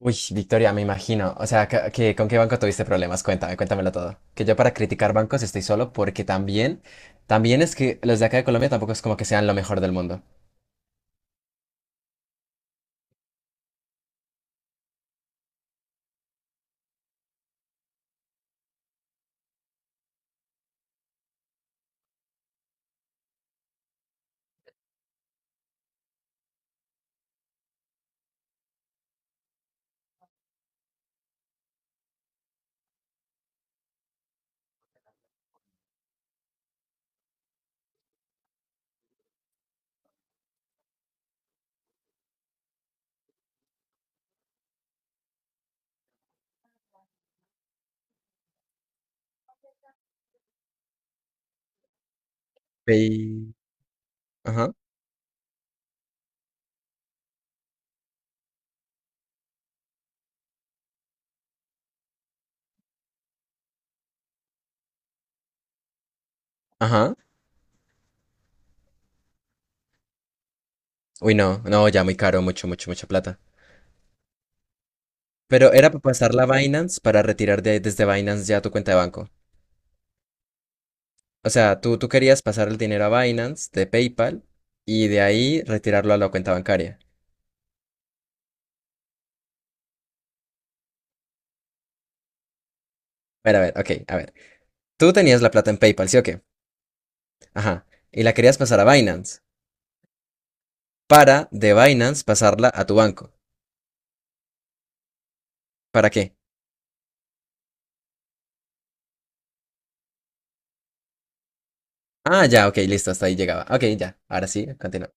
Uy, Victoria, me imagino. O sea, ¿con qué banco tuviste problemas? Cuéntame, cuéntamelo todo. Que yo para criticar bancos estoy solo porque también es que los de acá de Colombia tampoco es como que sean lo mejor del mundo. Pay- Ajá, ajá. Uy, no, no, ya muy caro, mucho, mucho, mucha plata. Pero era para pasar la Binance para retirar desde Binance ya tu cuenta de banco. O sea, tú querías pasar el dinero a Binance de PayPal y de ahí retirarlo a la cuenta bancaria. A ver, ok, a ver. Tú tenías la plata en PayPal, ¿sí o qué? Ajá. Y la querías pasar a Binance. Para de Binance pasarla a tu banco. ¿Para qué? Ah, ya, ok, listo, hasta ahí llegaba. Ok, ya, ahora sí, continúa.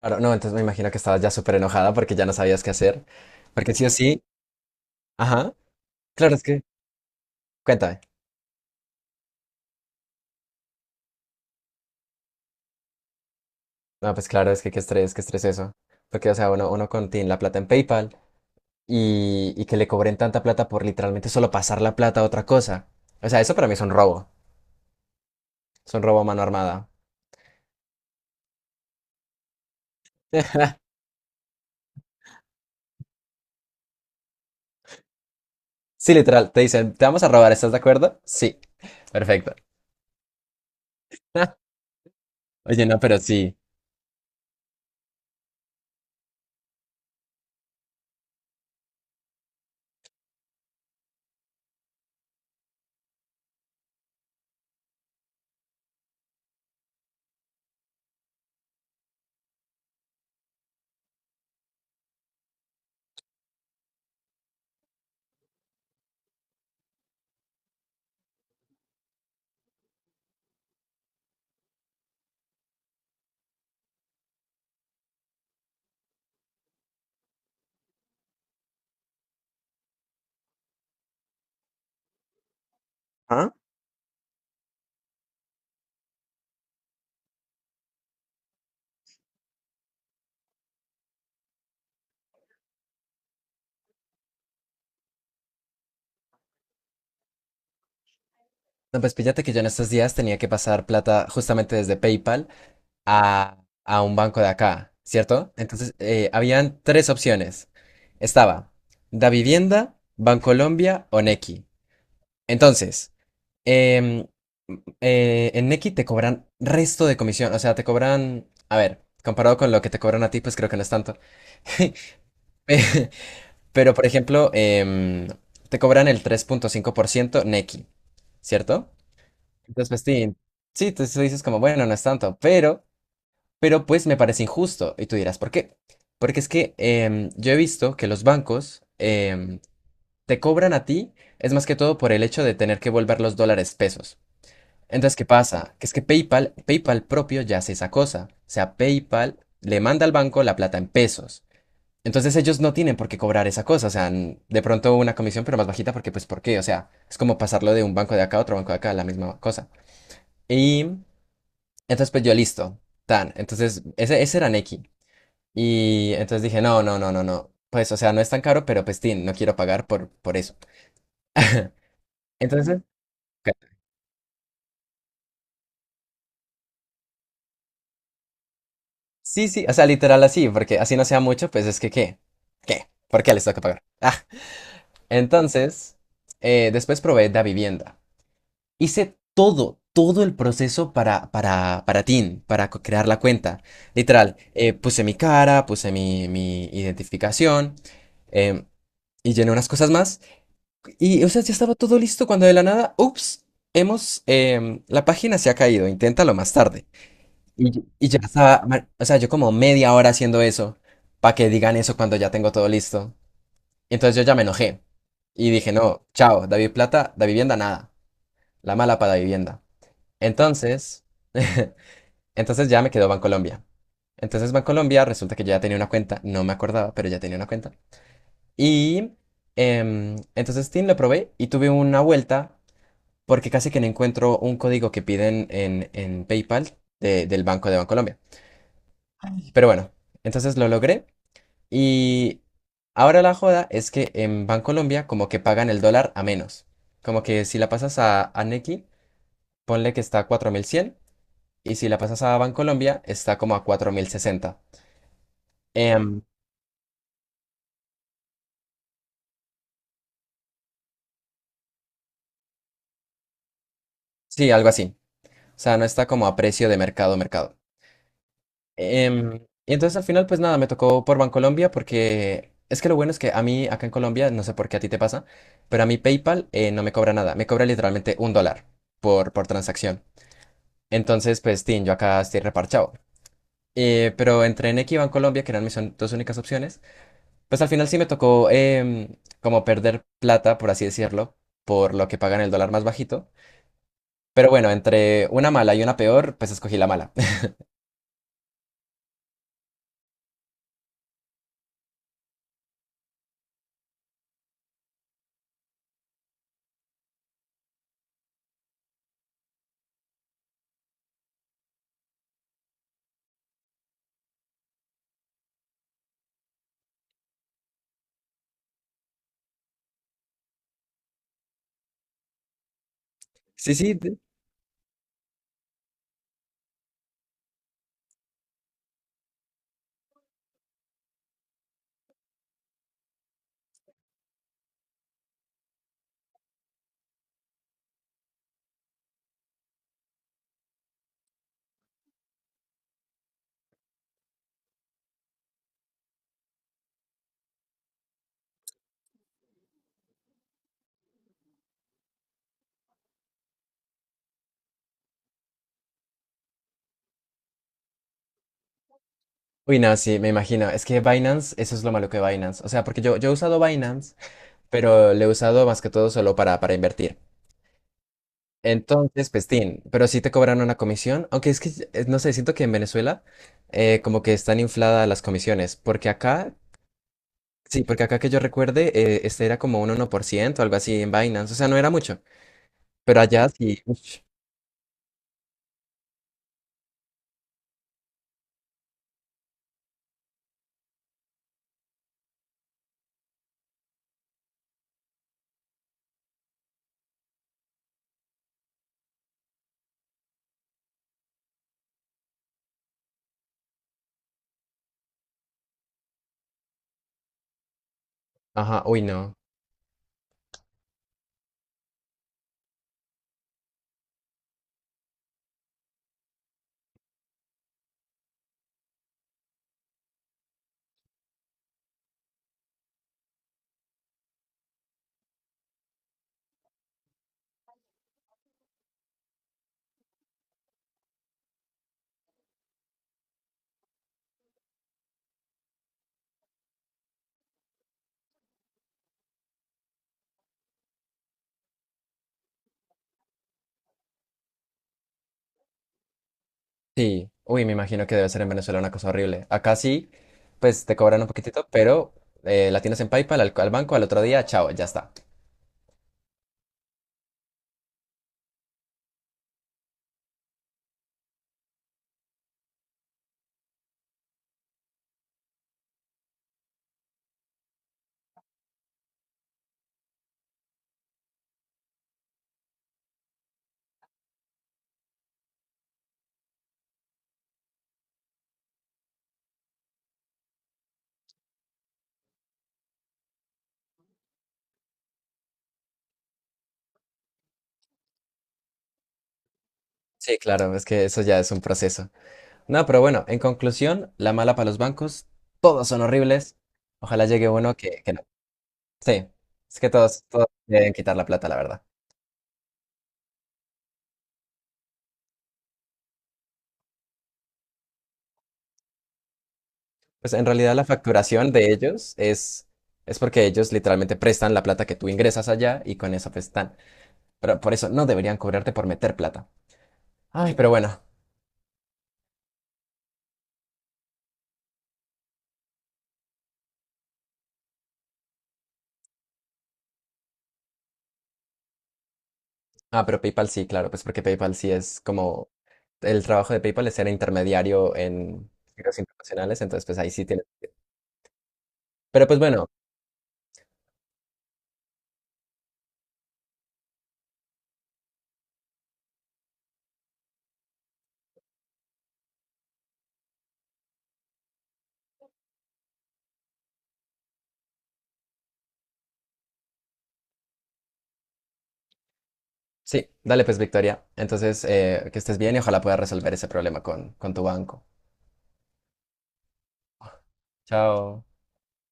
Ahora, no, entonces me imagino que estabas ya súper enojada porque ya no sabías qué hacer. Porque sí o sí, ajá, claro, es que, cuéntame. No, pues claro, es que qué estrés eso. Porque, o sea, uno contiene la plata en PayPal y que le cobren tanta plata por literalmente solo pasar la plata a otra cosa. O sea, eso para mí es un robo. Es un robo a mano armada. Sí, literal, te dicen, te vamos a robar, ¿estás de acuerdo? Sí, perfecto. Oye, no, pero sí. Ajá. No, pues fíjate que yo en estos días tenía que pasar plata justamente desde PayPal a, a un banco de acá, ¿cierto? Entonces, habían tres opciones. Estaba Davivienda, Bancolombia o Nequi. Entonces, em, en Nequi te cobran resto de comisión, o sea, te cobran, a ver, comparado con lo que te cobran a ti, pues creo que no es tanto. Pe- Pero, por ejemplo, te cobran el 3.5% Nequi, ¿cierto? Entonces, pues, sí, sí, tú dices como, bueno, no es tanto, pero, pues me parece injusto. Y tú dirás, ¿por qué? Porque es que yo he visto que los bancos te cobran a ti, es más que todo por el hecho de tener que volver los dólares pesos. Entonces, ¿qué pasa? Que es que PayPal propio ya hace esa cosa. O sea, PayPal le manda al banco la plata en pesos. Entonces ellos no tienen por qué cobrar esa cosa, o sea, de pronto una comisión, pero más bajita, porque pues ¿por qué? O sea, es como pasarlo de un banco de acá a otro banco de acá, la misma cosa. Y entonces, pues yo listo, tan. Entonces, ese era Neki. Y entonces dije, no, no, no, no, no. Pues, o sea, no es tan caro, pero pues, tin, no quiero pagar por eso. Entonces, ok. Sí, sí, o sea, literal así, porque así no sea mucho, pues es que, ¿qué? ¿Qué? ¿Por qué les toca pagar? Ah, entonces, después probé Da Vivienda. Hice todo, todo el proceso para crear la cuenta. Literal, puse mi cara, puse mi identificación, em, y llené unas cosas más. Y, o sea, ya estaba todo listo cuando de la nada, ups, la página se ha caído, inténtalo más tarde. Y ya estaba, o sea, yo como media hora haciendo eso, para que digan eso cuando ya tengo todo listo. Y entonces yo ya me enojé y dije, no, chao, David Plata, da vivienda nada, la mala para vivienda. Entonces, entonces ya me quedó Bancolombia. Entonces Bancolombia, resulta que yo ya tenía una cuenta, no me acordaba, pero ya tenía una cuenta. Y entonces Steam lo probé y tuve una vuelta porque casi que no encuentro un código que piden en PayPal del Banco de Bancolombia. Pero bueno, entonces lo logré y ahora la joda es que en Bancolombia como que pagan el dólar a menos. Como que si la pasas a Nequi, ponle que está a 4100 y si la pasas a Bancolombia está como a 4060. Em, sí, algo así. O sea, no está como a precio de mercado, mercado. Em, y entonces al final, pues nada, me tocó por Bancolombia porque es que lo bueno es que a mí acá en Colombia, no sé por qué a ti te pasa, pero a mí PayPal no me cobra nada, me cobra literalmente un dólar por transacción. Entonces, pues, tin, yo acá estoy reparchado. Pero entre Nequi y Bancolombia, que eran mis dos únicas opciones, pues al final sí me tocó como perder plata, por así decirlo, por lo que pagan el dólar más bajito. Pero bueno, entre una mala y una peor, pues escogí la mala. Sí, sí, uy, no, sí, me imagino. Es que Binance, eso es lo malo que Binance. O sea, porque yo he usado Binance, pero le he usado más que todo solo para invertir. Entonces, pues, tin, pero sí te cobran una comisión. Aunque es que, no sé, siento que en Venezuela como que están infladas las comisiones. Porque acá, sí, porque acá que yo recuerde, este era como un 1% o algo así en Binance. O sea, no era mucho. Pero allá sí. Ush, ajá, uy, no. Sí, uy, me imagino que debe ser en Venezuela una cosa horrible. Acá sí, pues te cobran un poquitito, pero la tienes en PayPal al banco al otro día, chao, ya está. Sí, claro, es que eso ya es un proceso. No, pero bueno, en conclusión, la mala para los bancos, todos son horribles. Ojalá llegue uno que no. Sí, es que todos, todos deben quitar la plata, la verdad. Pues en realidad la facturación de ellos es porque ellos literalmente prestan la plata que tú ingresas allá y con eso pues están. Pero por eso no deberían cobrarte por meter plata. Ay, pero bueno. Ah, pero PayPal sí, claro, pues porque PayPal sí es como el trabajo de PayPal es ser intermediario en giros internacionales, entonces pues ahí sí tiene. Pero pues bueno, sí, dale pues Victoria. Entonces, que estés bien y ojalá puedas resolver ese problema con tu banco. Chao.